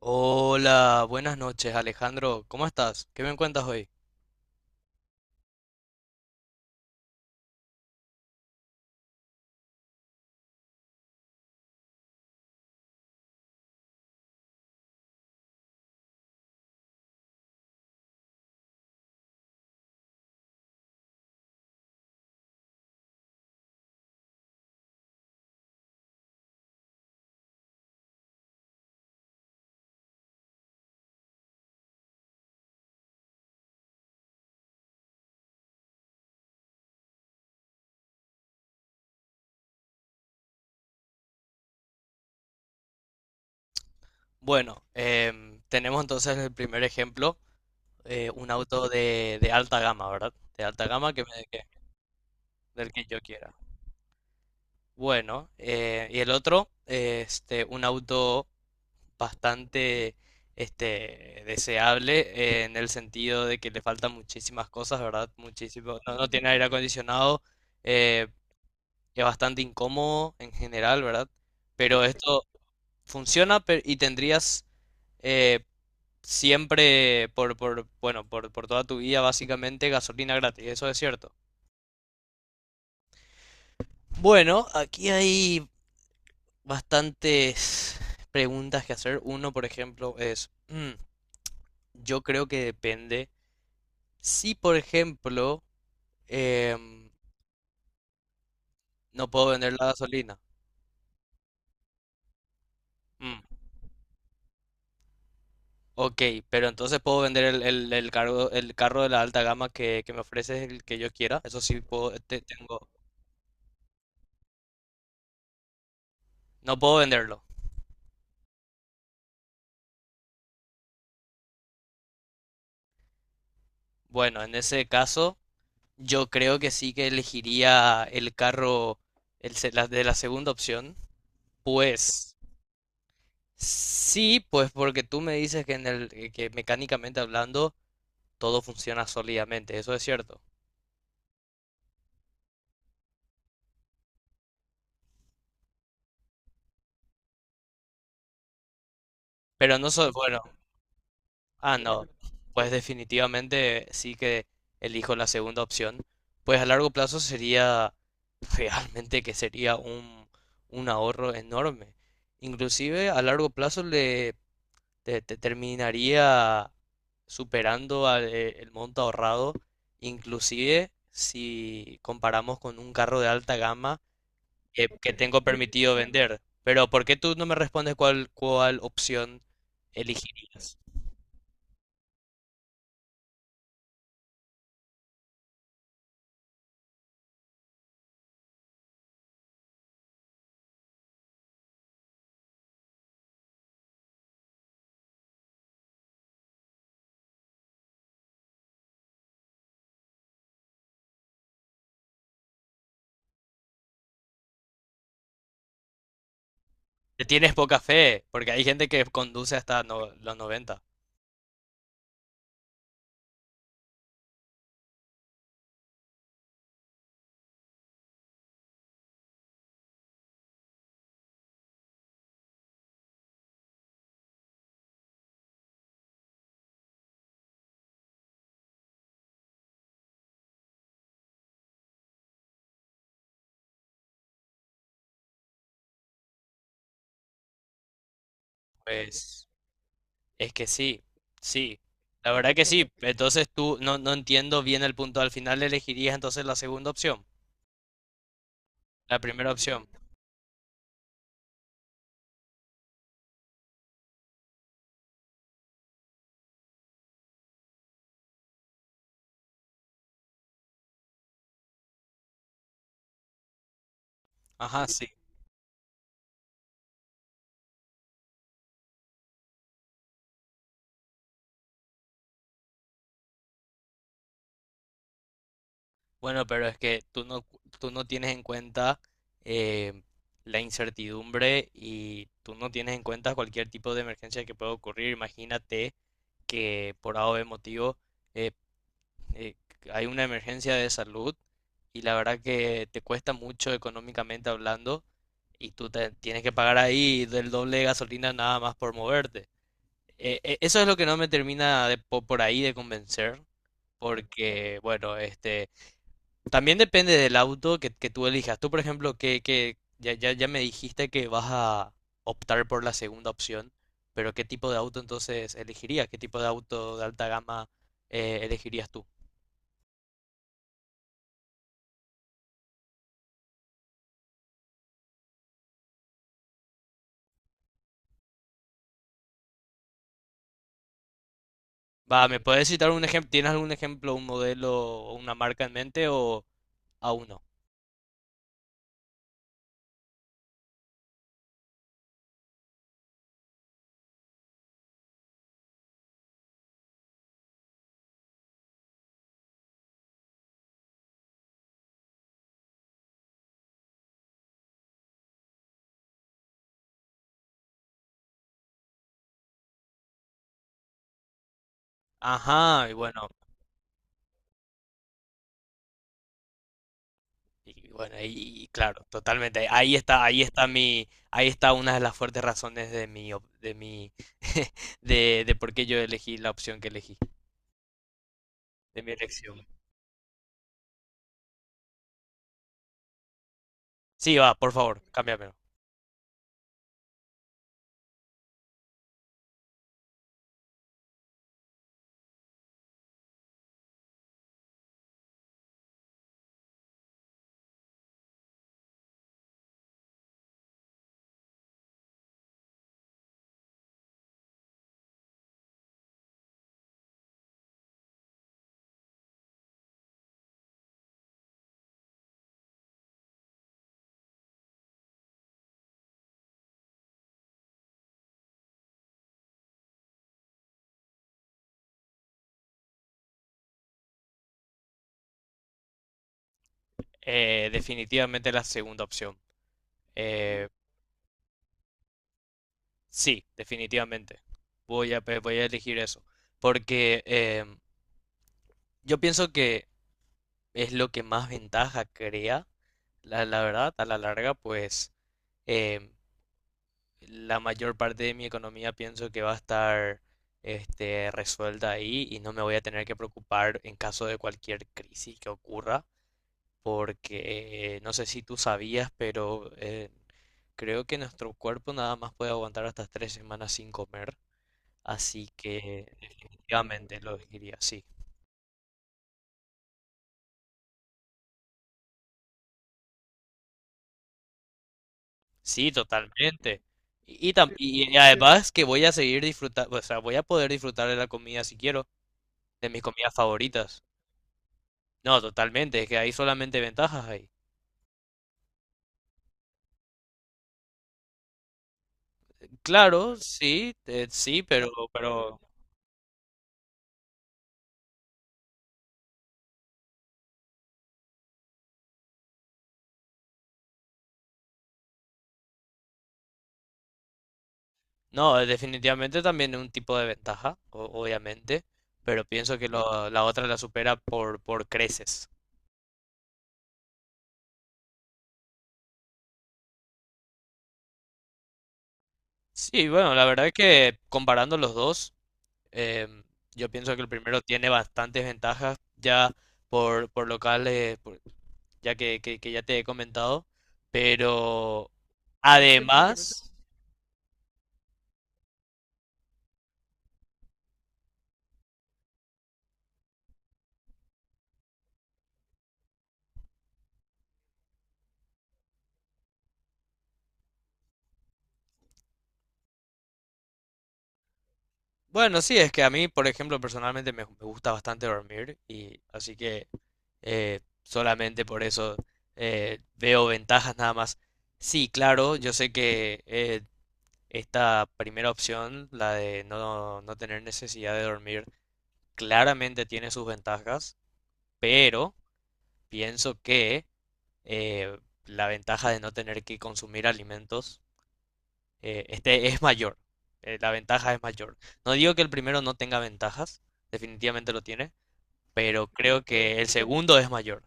Hola, buenas noches, Alejandro, ¿cómo estás? ¿Qué me cuentas hoy? Bueno, tenemos entonces el primer ejemplo, un auto de alta gama, ¿verdad? De alta gama del que yo quiera. Bueno, y el otro, un auto bastante deseable, en el sentido de que le faltan muchísimas cosas, ¿verdad? Muchísimo, no tiene aire acondicionado, eh, es bastante incómodo en general, ¿verdad? Pero esto... Funciona y tendrías, eh, siempre bueno, por toda tu vida básicamente gasolina gratis, eso es cierto. Bueno, aquí hay bastantes preguntas que hacer. Uno, por ejemplo, es, yo creo que depende. Si, por ejemplo, em, no puedo vender la gasolina. Mm, ok, pero entonces puedo vender el carro de la alta gama que me ofreces el que yo quiera. Eso sí puedo, tengo... No puedo venderlo. Bueno, en ese caso, yo creo que sí que elegiría el carro, de la segunda opción. Pues sí, pues porque tú me dices que, que mecánicamente hablando todo funciona sólidamente, eso es cierto. Pero no soy bueno. Ah, no. Pues definitivamente sí que elijo la segunda opción. Pues a largo plazo sería realmente que sería un ahorro enorme. Inclusive a largo plazo te terminaría superando el monto ahorrado, inclusive si comparamos con un carro de alta gama que tengo permitido vender. Pero ¿por qué tú no me respondes cuál opción elegirías? Te tienes poca fe, porque hay gente que conduce hasta los 90. Pues es que sí, sí. La verdad que sí. Entonces tú no, no entiendo bien el punto. Al final elegirías entonces la segunda opción, la primera opción. Ajá, sí. Bueno, pero es que tú no tienes en cuenta, eh, la incertidumbre, y tú no tienes en cuenta cualquier tipo de emergencia que pueda ocurrir. Imagínate que por A o B motivo, eh, eh, hay una emergencia de salud y la verdad que te cuesta mucho económicamente hablando, y tienes que pagar ahí del doble de gasolina nada más por moverte. Eso es lo que no me termina por ahí de convencer porque, bueno, este... También depende del auto que tú elijas. Tú, por ejemplo, que ya me dijiste que vas a optar por la segunda opción, pero ¿qué tipo de auto entonces elegirías? ¿Qué tipo de auto de alta gama, elegirías tú? Va, ¿me puedes citar un ejemplo? ¿Tienes algún ejemplo, un modelo o una marca en mente o aún no? Ajá, y bueno, y claro, totalmente. Ahí está, ahí está una de las fuertes razones de mi de por qué yo elegí la opción que elegí. De mi elección. Sí, va, por favor, cámbiamelo. Definitivamente la segunda opción. Eh, sí, definitivamente. Voy a elegir eso. Porque yo pienso que es lo que más ventaja crea, la verdad, a la larga, pues, eh, la mayor parte de mi economía pienso que va a estar, resuelta ahí, y no me voy a tener que preocupar en caso de cualquier crisis que ocurra. Porque no sé si tú sabías, pero creo que nuestro cuerpo nada más puede aguantar hasta 3 semanas sin comer, así que definitivamente lo diría, sí. Sí, totalmente. Y además que voy a seguir disfrutando, o sea, voy a poder disfrutar de la comida si quiero, de mis comidas favoritas. No, totalmente, es que hay solamente ventajas ahí. Claro, sí, sí, pero no, definitivamente también es un tipo de ventaja, obviamente, pero pienso que la otra la supera por creces. Sí, bueno, la verdad es que comparando los dos, em, yo pienso que el primero tiene bastantes ventajas ya por locales, por- ya que ya te he comentado, pero además, bueno, sí, es que a mí, por ejemplo, personalmente me gusta bastante dormir, y así que solamente por eso veo ventajas nada más. Sí, claro, yo sé que esta primera opción, la de no tener necesidad de dormir, claramente tiene sus ventajas, pero pienso que eh, la ventaja de no tener que consumir alimentos, es mayor, la ventaja es mayor. No digo que el primero no tenga ventajas, definitivamente lo tiene, pero creo que el segundo es mayor.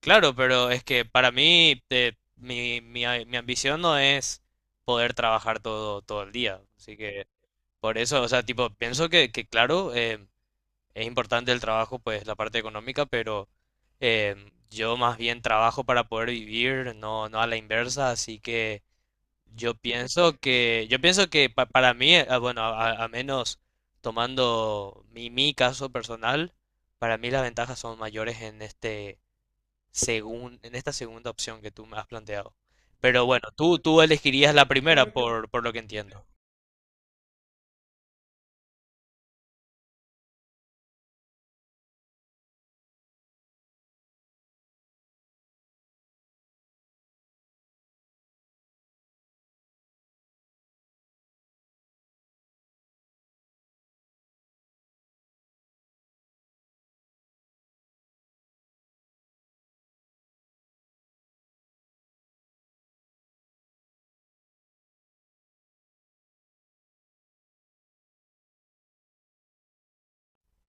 Claro, pero es que para mí mi ambición no es poder trabajar todo, todo el día, así que por eso, o sea, tipo, pienso que claro, es importante el trabajo, pues la parte económica, pero yo más bien trabajo para poder vivir, no a la inversa, así que yo pienso que, yo pienso que para mí, bueno, a menos, tomando mi caso personal, para mí las ventajas son mayores en este en esta segunda opción que tú me has planteado. Pero bueno, tú elegirías la primera por lo que entiendo.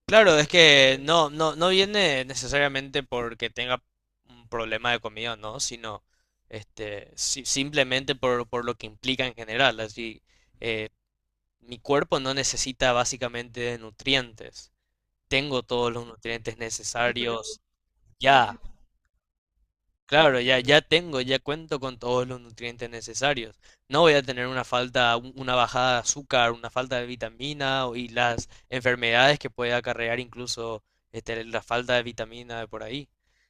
Claro, es que no viene necesariamente porque tenga un problema de comida, ¿no? Sino simplemente por lo que implica en general. Así, mi cuerpo no necesita básicamente nutrientes. Tengo todos los nutrientes necesarios ya. Claro, ya cuento con todos los nutrientes necesarios. No voy a tener una falta, una bajada de azúcar, una falta de vitamina y las enfermedades que puede acarrear incluso, la falta de vitamina de por ahí.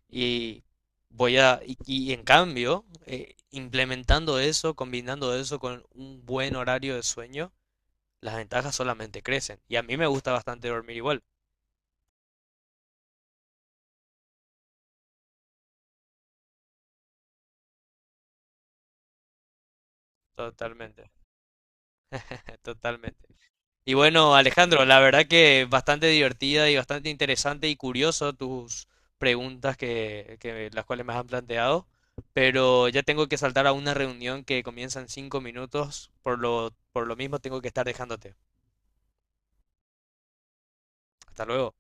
Y voy a, y en cambio, implementando eso, combinando eso con un buen horario de sueño, las ventajas solamente crecen. Y a mí me gusta bastante dormir igual. Totalmente, totalmente. Y bueno, Alejandro, la verdad que bastante divertida y bastante interesante y curioso tus preguntas que las cuales me han planteado, pero ya tengo que saltar a una reunión que comienza en 5 minutos, por lo mismo tengo que estar dejándote. Hasta luego.